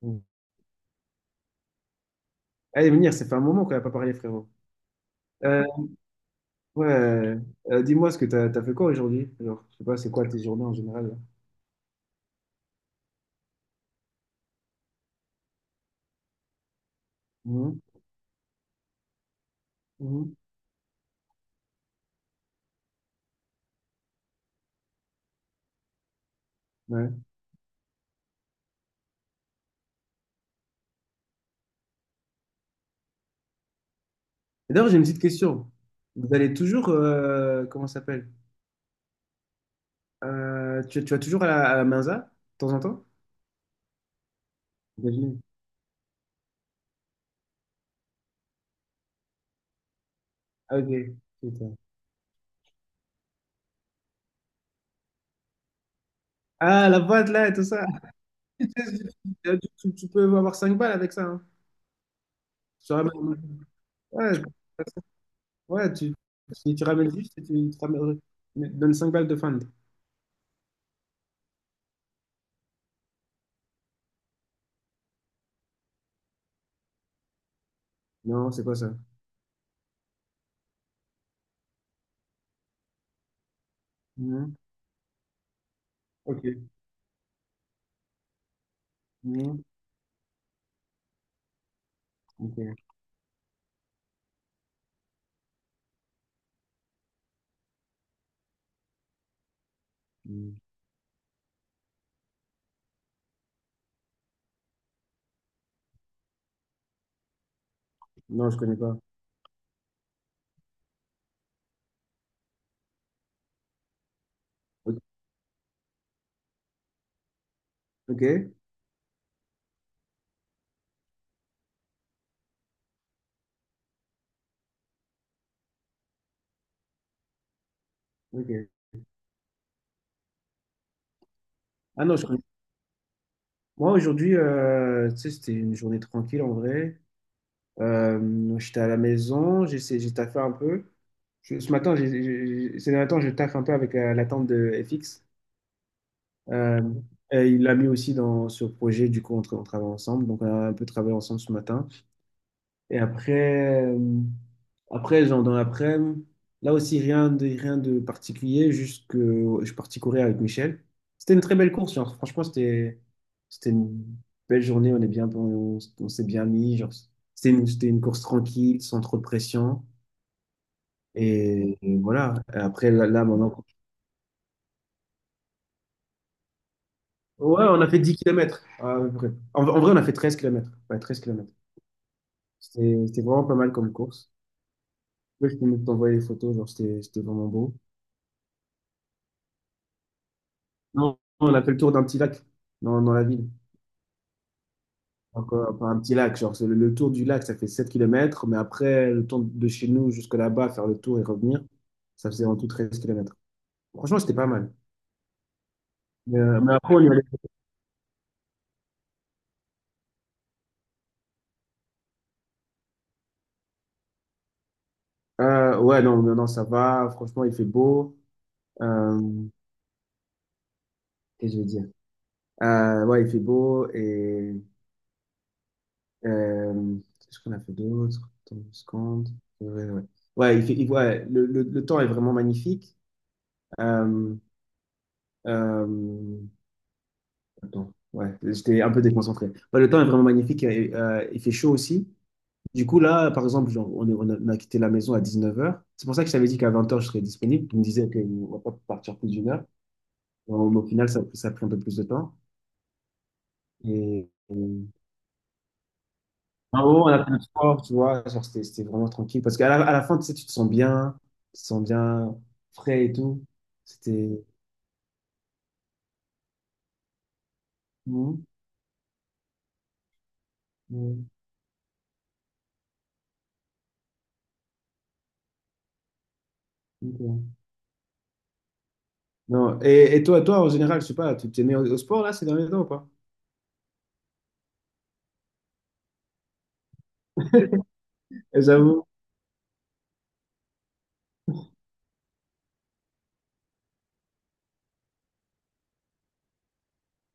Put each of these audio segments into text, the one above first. Mm. Allez, venir, ça fait un moment qu'on n'a pas parlé, frérot. Euh, ouais, euh, dis-moi ce que t'as fait quoi aujourd'hui? Genre, je sais pas, c'est quoi tes journées en général, là? Mhm, mhm, ouais. Et d'ailleurs, j'ai une petite question. Vous allez toujours, comment ça s'appelle? Tu vas toujours à à la Mensa, de temps en temps? Devine. Ah, ok. Putain. Ah, la boîte, là, et tout ça. Tu peux avoir 5 balles avec ça, hein. Tu ramènes- Ouais, je- ouais, tu ramènes juste et tu ramènes- tu donnes 5 balles de fund. Non, c'est quoi ça? Mhm. Ok. Mhm. Ok. Mhm. Non, je connais pas. Ok. Ok. Ok. Ah non, je connais. Moi, aujourd'hui, tu sais, c'était une journée tranquille en vrai. J'étais à la maison, j'ai essayé- j'ai taffé un peu. Je- ce matin, j'ai- ces derniers temps, je taffe un peu avec la tante de FX. Euh, et il l'a mis aussi dans ce projet, du coup, on, tra- on travaille ensemble. Donc, on a un peu travaillé ensemble ce matin. Et après, après genre dans l'après-midi, là aussi rien de, rien de particulier, juste que ouais, je suis parti courir avec Michel. C'était une très belle course, genre franchement, c'était une belle journée, on est bien, on s'est bien mis, genre c'était une course tranquille, sans trop de pression. Et voilà, et après là, là, maintenant. Ouais, on a fait 10 kilomètres à peu près. En vrai, on a fait 13 kilomètres. Ouais, 13 kilomètres. C'était vraiment pas mal comme course. Ouais, je peux même t'envoyer les photos, genre c'était vraiment beau. Non, on a fait le tour d'un petit lac dans la ville. Encore, enfin, un petit lac, genre c'est le tour du lac, ça fait 7 kilomètres. Mais après le tour de chez nous jusque là-bas, faire le tour et revenir, ça faisait en tout 13 kilomètres. Franchement, c'était pas mal. Mais après, on y allait. Ouais, non, ça va. Franchement, il fait beau. Euh, qu'est-ce que je veux dire? Ouais, il fait beau et qu'est-ce qu'on a fait d'autre? Attends une seconde. Ouais, ouais. Ouais, Ouais, ouais, le temps est vraiment magnifique. Euh, euh, Attends, ouais, j'étais un peu déconcentré. Ouais, le temps est vraiment magnifique. Et, il fait chaud aussi. Du coup, là, par exemple, genre, on, est- on a quitté la maison à 19h. C'est pour ça que je t'avais dit qu'à 20h, je serais disponible. Tu me disais qu'on va pas partir plus d'une heure. Bon, mais au final, ça a pris un peu plus de temps. Et- Ah bon, on a fait le sport, tu vois. Genre, c'était vraiment tranquille. Parce qu'à à la fin, tu sais, tu te sens bien. Tu te sens bien frais et tout. C'était. Mhm. Mhm. Ok. Non. Et toi, toi, en général, je sais pas, tu t'es mis au sport là ces derniers temps ou pas? Et j'avoue.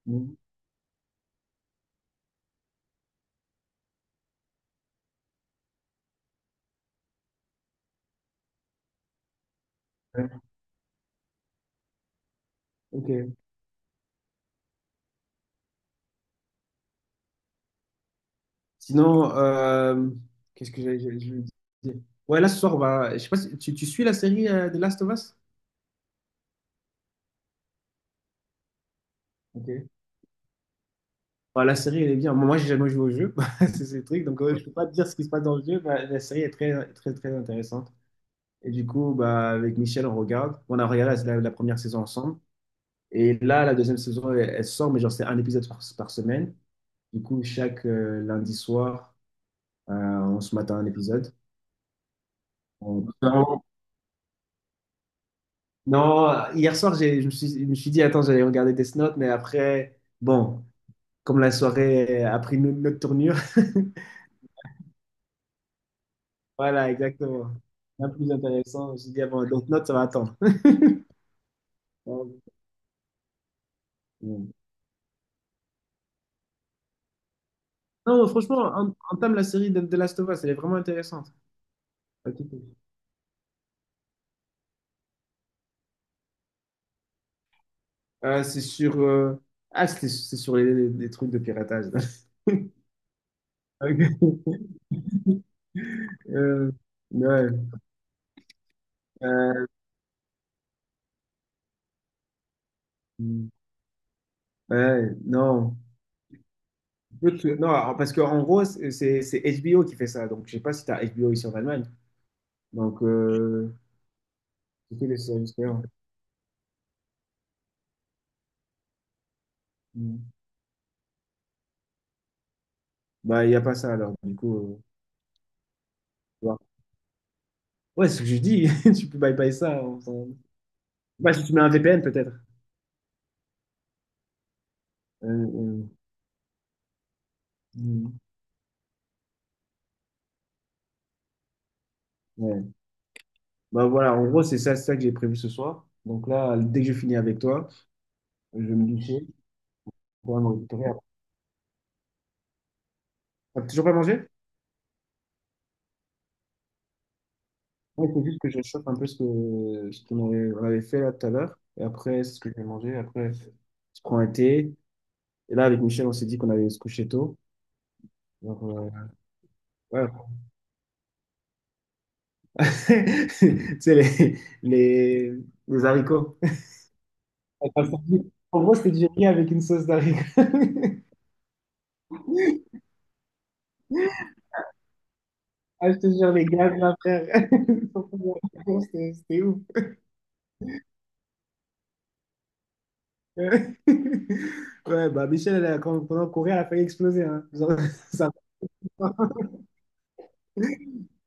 Mm. Ouais, ok. Sinon, qu'est-ce que je voulais dire? Ouais, là ce soir, on va. Je sais pas si tu suis la série de Last of Us? Ok. Bah, la série, elle est bien. Moi, j'ai jamais joué au jeu. C'est ce truc. Donc, je peux pas te dire ce qui se passe dans le jeu. Mais la série est très, très, très intéressante. Et du coup, bah, avec Michel, on regarde. On a regardé la première saison ensemble. Et là, la deuxième saison, elle sort, mais genre, c'est un épisode par semaine. Du coup, chaque lundi soir, on se mate à un épisode. On, non, hier soir, j'ai- je me suis dit, attends, j'allais regarder Death Note, mais après, bon, comme la soirée a pris une autre tournure, voilà, exactement. Bien plus intéressant, je me suis dit, ah bon, Death Note, ça va attendre. Non, franchement, en- entame la série de Last of Us, elle est vraiment intéressante. C'est sur ah, c'était- c'est sur les trucs de piratage. Ok. Euh, ouais, euh, ouais, non. Écoute, non, alors, parce qu'en gros, c'est HBO qui fait ça. Donc, je sais pas si tu as HBO ici en Allemagne. Donc, c'est que les services payants. Mm. Bah, il n'y a pas ça alors. Du coup, tu vois. Ouais, c'est ce que je dis. Tu peux bye-bye ça. On s'en- Bah, si tu mets un VPN, peut-être. Euh, euh, mm. Ouais. Bah, voilà, en gros, c'est ça que j'ai prévu ce soir. Donc là, dès que je finis avec toi, je vais me doucher pour me récupérer. T'as toujours pas mangé? Il faut juste que je chauffe un peu ce qu'on aurait- on avait fait là tout à l'heure. Et après, c'est ce que je vais manger. Après, je prends un thé. Et là, avec Michel, on s'est dit qu'on allait se coucher tôt. Alors, ouais. Tu sais, les, les haricots. Enfin, ça dit- en gros, c'était du riz avec une sauce d'haricots. Ah, je te jure, les gars, là, frère. Ils sont trop bons. C'était ouf. Ouais, bah, Michel, elle a, quand, pendant qu'on courait, elle a failli exploser. Hein. Genre, ça-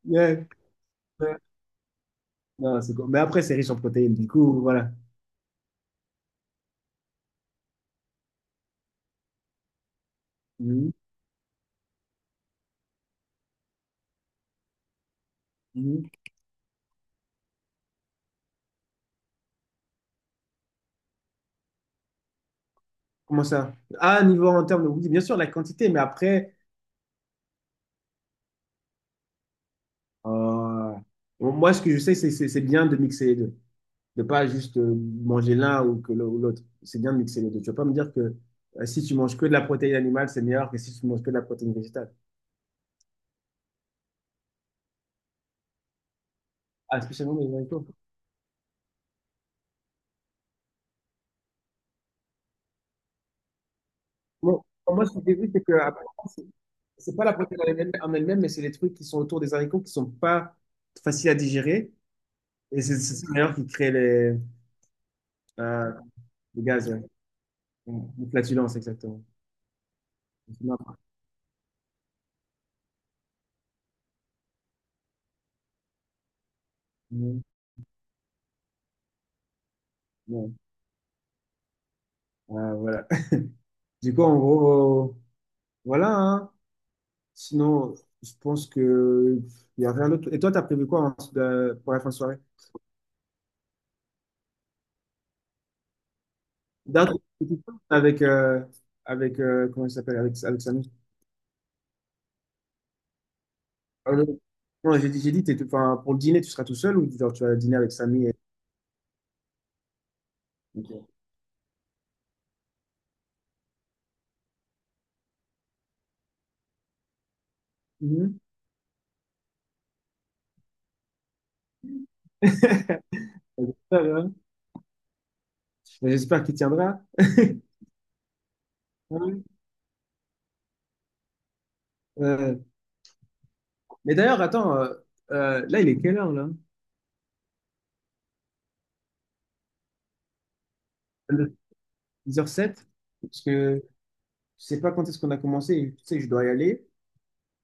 Yeah. Non, c'est cool. Mais après, c'est riche en protéines, du coup, voilà. Mhm. Mhm. Comment ça? Ah, niveau en termes de... Oui, bien sûr, la quantité, mais après, euh, bon, moi, ce que je sais, c'est bien de mixer les deux. De pas juste manger l'un ou que le- ou l'autre. C'est bien de mixer les deux. Tu vas pas me dire que si tu manges que de la protéine animale, c'est meilleur que si tu manges que de la protéine végétale. Ah, spécialement les haricots. Bon, moi, ce que j'ai vu, c'est que après, c'est c'est pas la protéine en elle-même, mais c'est les trucs qui sont autour des haricots qui sont pas faciles à digérer. Et c'est ça, d'ailleurs qui crée les, euh, le gaz, ouais. Une flatulence, exactement. Non, non, non. Voilà. Du coup, en gros, voilà, hein. Sinon, je pense que il y a rien d'autre. Et toi, t'as prévu quoi en- de- pour la fin de soirée? D'un truc avec avec comment il s'appelle avec Samy. Ah, non, non, j'ai dit t'es tout- enfin pour le dîner, tu seras tout seul ou genre tu vas dîner avec Samy et... Ok. Mhm. J'espère hein. Mais j'espère qu'il tiendra. Ouais. Euh, mais d'ailleurs, attends, là, il est quelle heure là? 10h07, parce que je sais pas quand est-ce qu'on a commencé, et, tu sais, je dois y aller.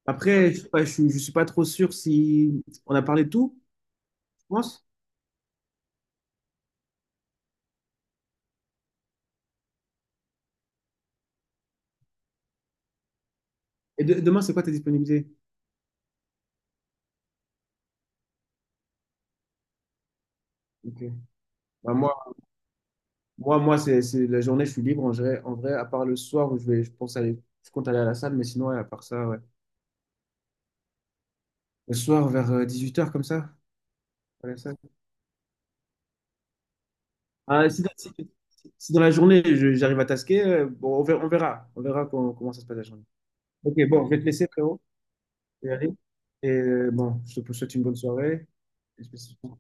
Après, je sais pas, je suis pas trop sûr si on a parlé de tout, je pense. Et de- demain, c'est quoi ta disponibilité? Ok. Bah, moi c'est la journée, je suis libre en vrai, à part le soir où je vais, je pense aller, je compte aller à la salle, mais sinon, ouais, à part ça, ouais. Le soir, vers 18h, comme ça, à la salle. Ah, si, dans si- si dans la journée, je- j'arrive à tasquer, bon, on verra comment ça se passe la journée. Ok, bon, je vais te laisser, frérot. Y aller. Et bon, je te souhaite une bonne soirée. Et je te souhaite